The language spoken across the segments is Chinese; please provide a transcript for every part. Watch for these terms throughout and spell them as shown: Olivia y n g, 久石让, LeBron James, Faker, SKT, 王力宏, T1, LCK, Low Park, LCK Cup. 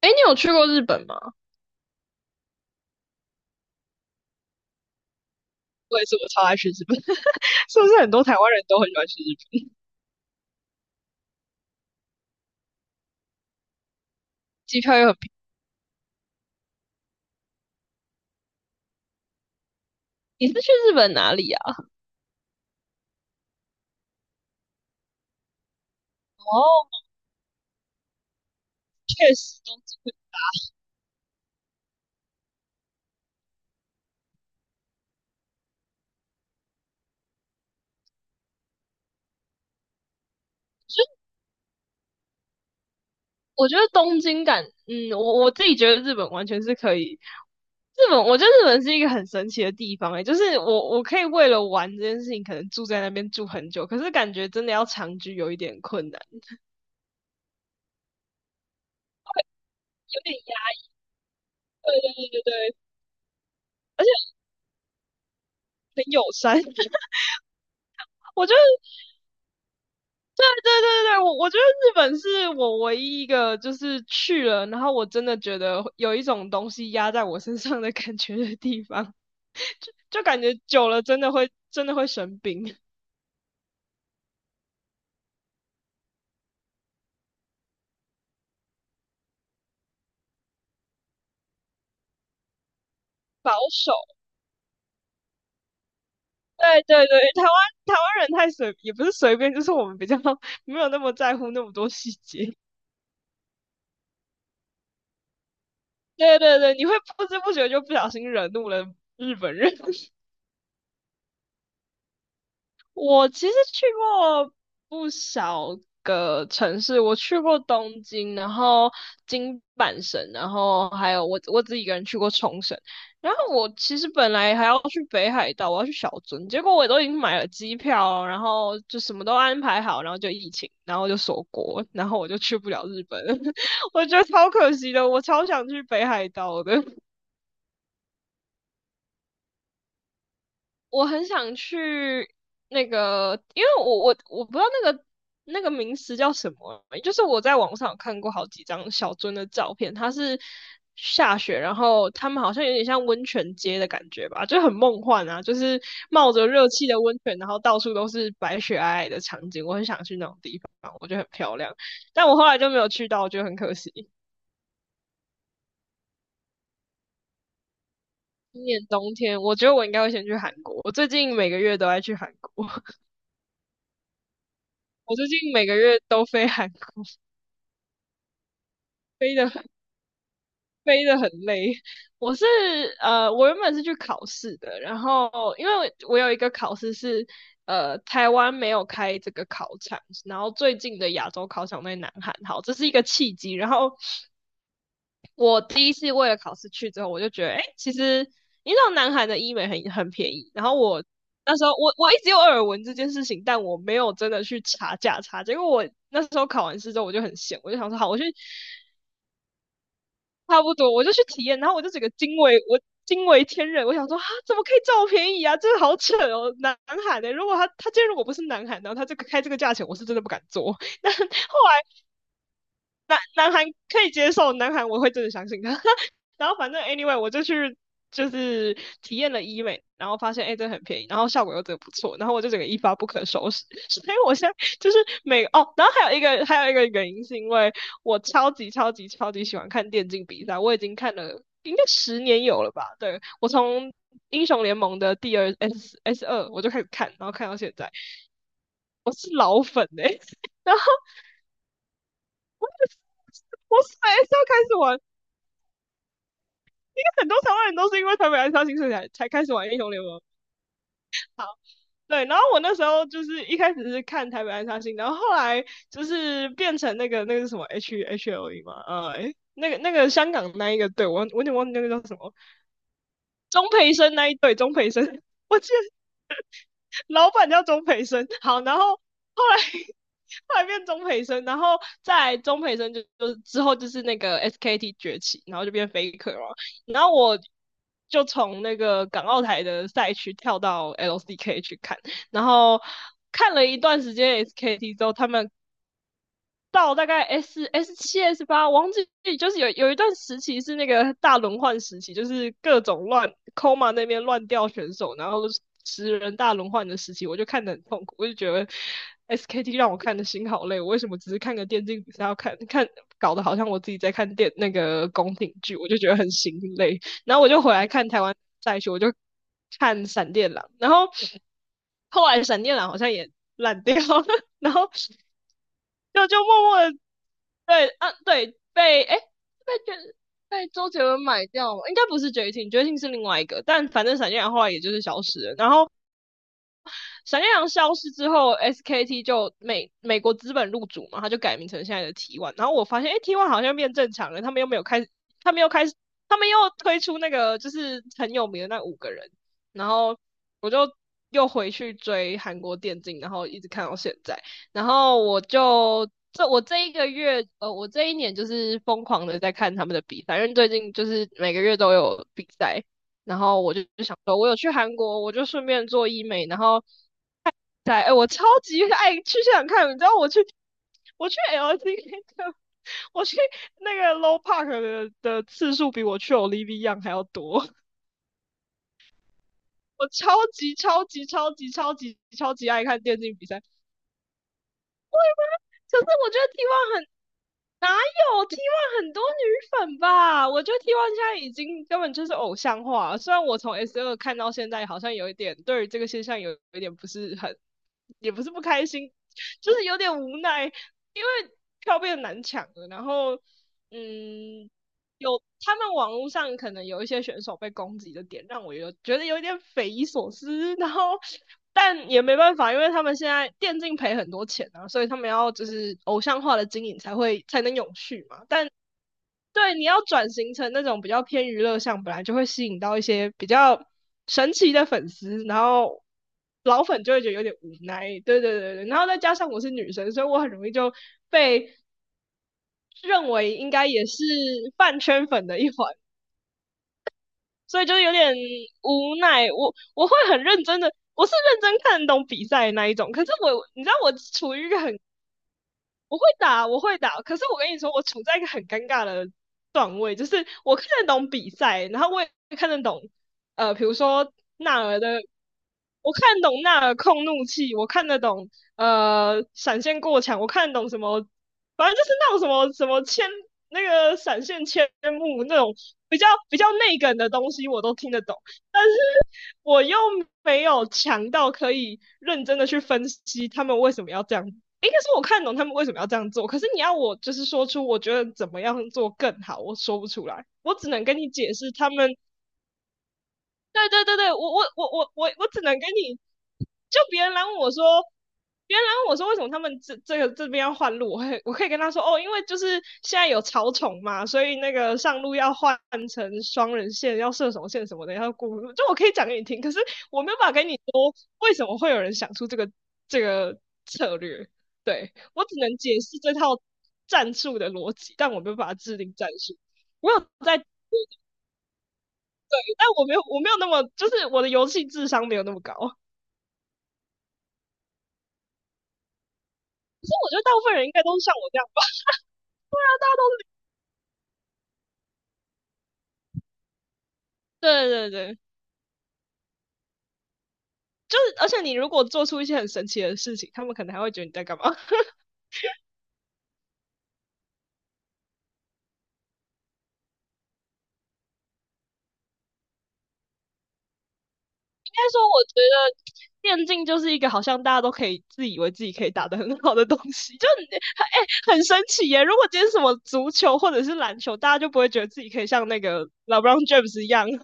哎，你有去过日本吗？我也是，我超爱去日本。是不是很多台湾人都很喜欢去日本？机票又很便宜。你是去日本哪里啊？哦，确实，东京。我觉得东京感，嗯，我自己觉得日本完全是可以。日本，我觉得日本是一个很神奇的地方、就是我可以为了玩这件事情，可能住在那边住很久，可是感觉真的要长居有一点困难。有点压。对对对对对，很友善。我觉得。对对对，我觉得日本是我唯一一个就是去了，然后我真的觉得有一种东西压在我身上的感觉的地方，就感觉久了真的会生病。保守。对对对，台湾人太随，也不是随便，就是我们比较 没有那么在乎那么多细节。对对对，你会不知不觉就不小心惹怒了日本人。我其实去过不少个城市，我去过东京，然后京阪神，然后还有我自己一个人去过冲绳。然后我其实本来还要去北海道，我要去小樽，结果我都已经买了机票，然后就什么都安排好，然后就疫情，然后就锁国，然后我就去不了日本了。 我觉得超可惜的，我超想去北海道的。我很想去那个，因为我不知道那个名词叫什么，就是我在网上有看过好几张小樽的照片，它是下雪，然后他们好像有点像温泉街的感觉吧，就很梦幻啊，就是冒着热气的温泉，然后到处都是白雪皑皑的场景，我很想去那种地方，我觉得很漂亮，但我后来就没有去到，我觉得很可惜。今年冬天，我觉得我应该会先去韩国。我最近每个月都爱去韩国。我最近每个月都飞韩国。飞得很飞得很累。我是我原本是去考试的，然后因为我有一个考试，台湾没有开这个考场，然后最近的亚洲考场在南韩。好，这是一个契机。然后我第一次为了考试去之后，我就觉得，哎，其实你知道南韩的医美很便宜，然后我。那时候我一直有耳闻这件事情，但我没有真的去查价差。结果我那时候考完试之后，我就很闲，我就想说，好，我去差不多，我就去体验，然后我就整个惊为天人。我想说啊，怎么可以这么便宜啊？这个好扯哦，南海的、如果他今天如果不是南海，然后他这个开这个价钱，我是真的不敢做。但南韩可以接受，南韩我会真的相信他。然后反正 anyway，我就去就是体验了医美，然后发现哎、这很便宜，然后效果又真的不错，然后我就整个一发不可收拾。所以我现在就是然后还有一个原因是因为我超级超级超级喜欢看电竞比赛，我已经看了应该10年有了吧？对，我从。英雄联盟的第二 S 二，我就开始看，然后看到现在，我是老粉哎、欸。 然后我每次要开始玩。 很多台湾人都是因为台北暗杀星才开始玩英雄联盟。对，然后我那时候就是一开始是看台北暗杀星，然后后来就是变成那个那个是什么 H L E 嘛。那个香港那一个队，我有点忘记那个叫什么。钟培生那一队，钟培生。我记得老板叫钟培生。好，然后后来变钟培生，然后在钟培生就之后就是那个 SKT 崛起，然后就变 Faker 嘛。然后我就从那个港澳台的赛区跳到 LCK 去看，然后看了一段时间 SKT 之后，他们到大概 S 七 S8，忘记就是有一段时期是那个大轮换时期，就是各种乱 Koma 那边乱掉选手，然后10人大轮换的时期，我就看得很痛苦，我就觉得 SKT 让我看的心好累。我为什么只是看个电竞比赛要看看，搞得好像我自己在看电那个宫廷剧，我就觉得很心累。然后我就回来看台湾赛区，我就看闪电狼，然后后来闪电狼好像也烂掉了。然后。就默默的。对，啊，对，被诶被卷被周杰伦买掉了，应该不是绝情，绝情是另外一个，但反正闪电侠后来也就是消失了。然后闪电狼消失之后，SKT 就美国资本入主嘛，他就改名成现在的 T1。然后我发现，哎，T1 好像变正常了，他们又没有开他们又开始，他们又推出那个就是很有名的那五个人。然后我就又回去追韩国电竞，然后一直看到现在，然后我就。这我这一个月，我这一年就是疯狂的在看他们的比赛，因为最近就是每个月都有比赛。然后我就想说，我有去韩国，我就顺便做医美，然后在，哎、我超级爱去现场看。你知道我去 LCK 的，我去那个 Low Park 的次数比我去 Olivia y n g 还要多，我超级超级超级超级超级爱看电竞比赛。可是我觉得 T1 哪有 t one 很多女粉吧？我觉得 t one 现在已经根本就是偶像化了。虽然我从 S 二看到现在，好像有一点对于这个现象有一点不是很，也不是不开心，就是有点无奈，因为票变得难抢了。然后，嗯，有他们网络上可能有一些选手被攻击的点，让我有觉得有点匪夷所思。然后，但也没办法，因为他们现在电竞赔很多钱啊，所以他们要就是偶像化的经营才能永续嘛。但对你要转型成那种比较偏娱乐向，本来就会吸引到一些比较神奇的粉丝，然后老粉就会觉得有点无奈。对对对对。然后再加上我是女生，所以我很容易就被认为应该也是饭圈粉的一环，所以就有点无奈。我会很认真的，我是认真看懂比赛的那一种，可是我你知道我处于一个很。我会打，我会打。可是我跟你说，我处在一个很尴尬的段位，就是我看得懂比赛，然后我也看得懂，比如说纳尔的，我看得懂纳尔控怒气，我看得懂闪现过墙，我看得懂什么，反正就是那种什么什么千那个闪现千目那种比较内梗的东西，我都听得懂。但是我又没有强到可以认真的去分析他们为什么要这样。应该是我看懂他们为什么要这样做，可是你要我就是说出我觉得怎么样做更好，我说不出来，我只能跟你解释他们。对对对对，我只能跟你。就别人来问我说为什么他们这个这边要换路，我可以跟他说哦，因为就是现在有草丛嘛，所以那个上路要换成双人线，要射手线什么的，要过路。就我可以讲给你听，可是我没有办法跟你说为什么会有人想出这个策略。对，我只能解释这套战术的逻辑，但我没有办法制定战术。我有在，但我没有那么，就是我的游戏智商没有那么高。可是我觉得大部分人应该都是像我这样。大家都。 对对对。就是，而且你如果做出一些很神奇的事情，他们可能还会觉得你在干嘛。应该说，我觉得电竞就是一个好像大家都可以自以为自己可以打得很好的东西，就很神奇耶。如果今天什么足球或者是篮球，大家就不会觉得自己可以像那个 LeBron James 一样。但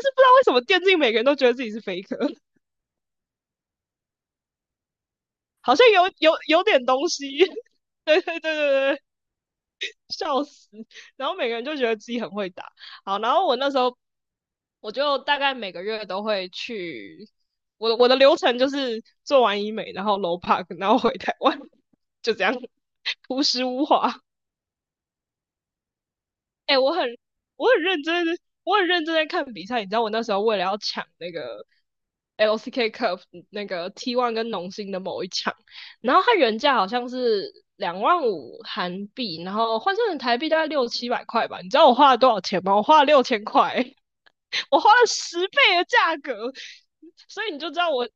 是不知道为什么电竞每个人都觉得自己是 f a k e。 好像有点东西。对对对对对，笑死。然后每个人就觉得自己很会打。好，然后我那时候我就大概每个月都会去，我的流程就是做完医美，然后 low park,然后回台湾，就这样，朴实无华。哎，我很认真的，我很认真在看比赛。你知道我那时候为了要抢那个 LCK Cup 那个 T1 跟农心的某一场，然后它原价好像是2.5万韩币，然后换算成台币大概六七百块吧。你知道我花了多少钱吗？我花了6000块。我花了10倍的价格，所以你就知道我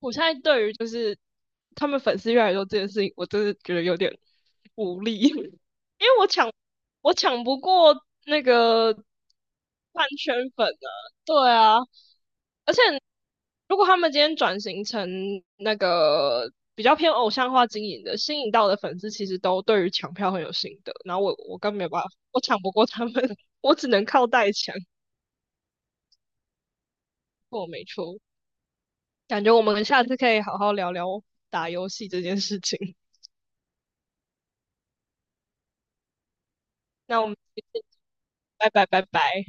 我现在对于就是他们粉丝越来越多这件事情，我真的觉得有点无力，因为我抢不过那个饭圈粉啊，对啊，而且如果他们今天转型成那个比较偏偶像化经营的，吸引到的粉丝其实都对于抢票很有心得，然后我根本没有办法，我抢不过他们，我只能靠代抢，我没错。感觉我们下次可以好好聊聊打游戏这件事情。那我们拜拜拜拜。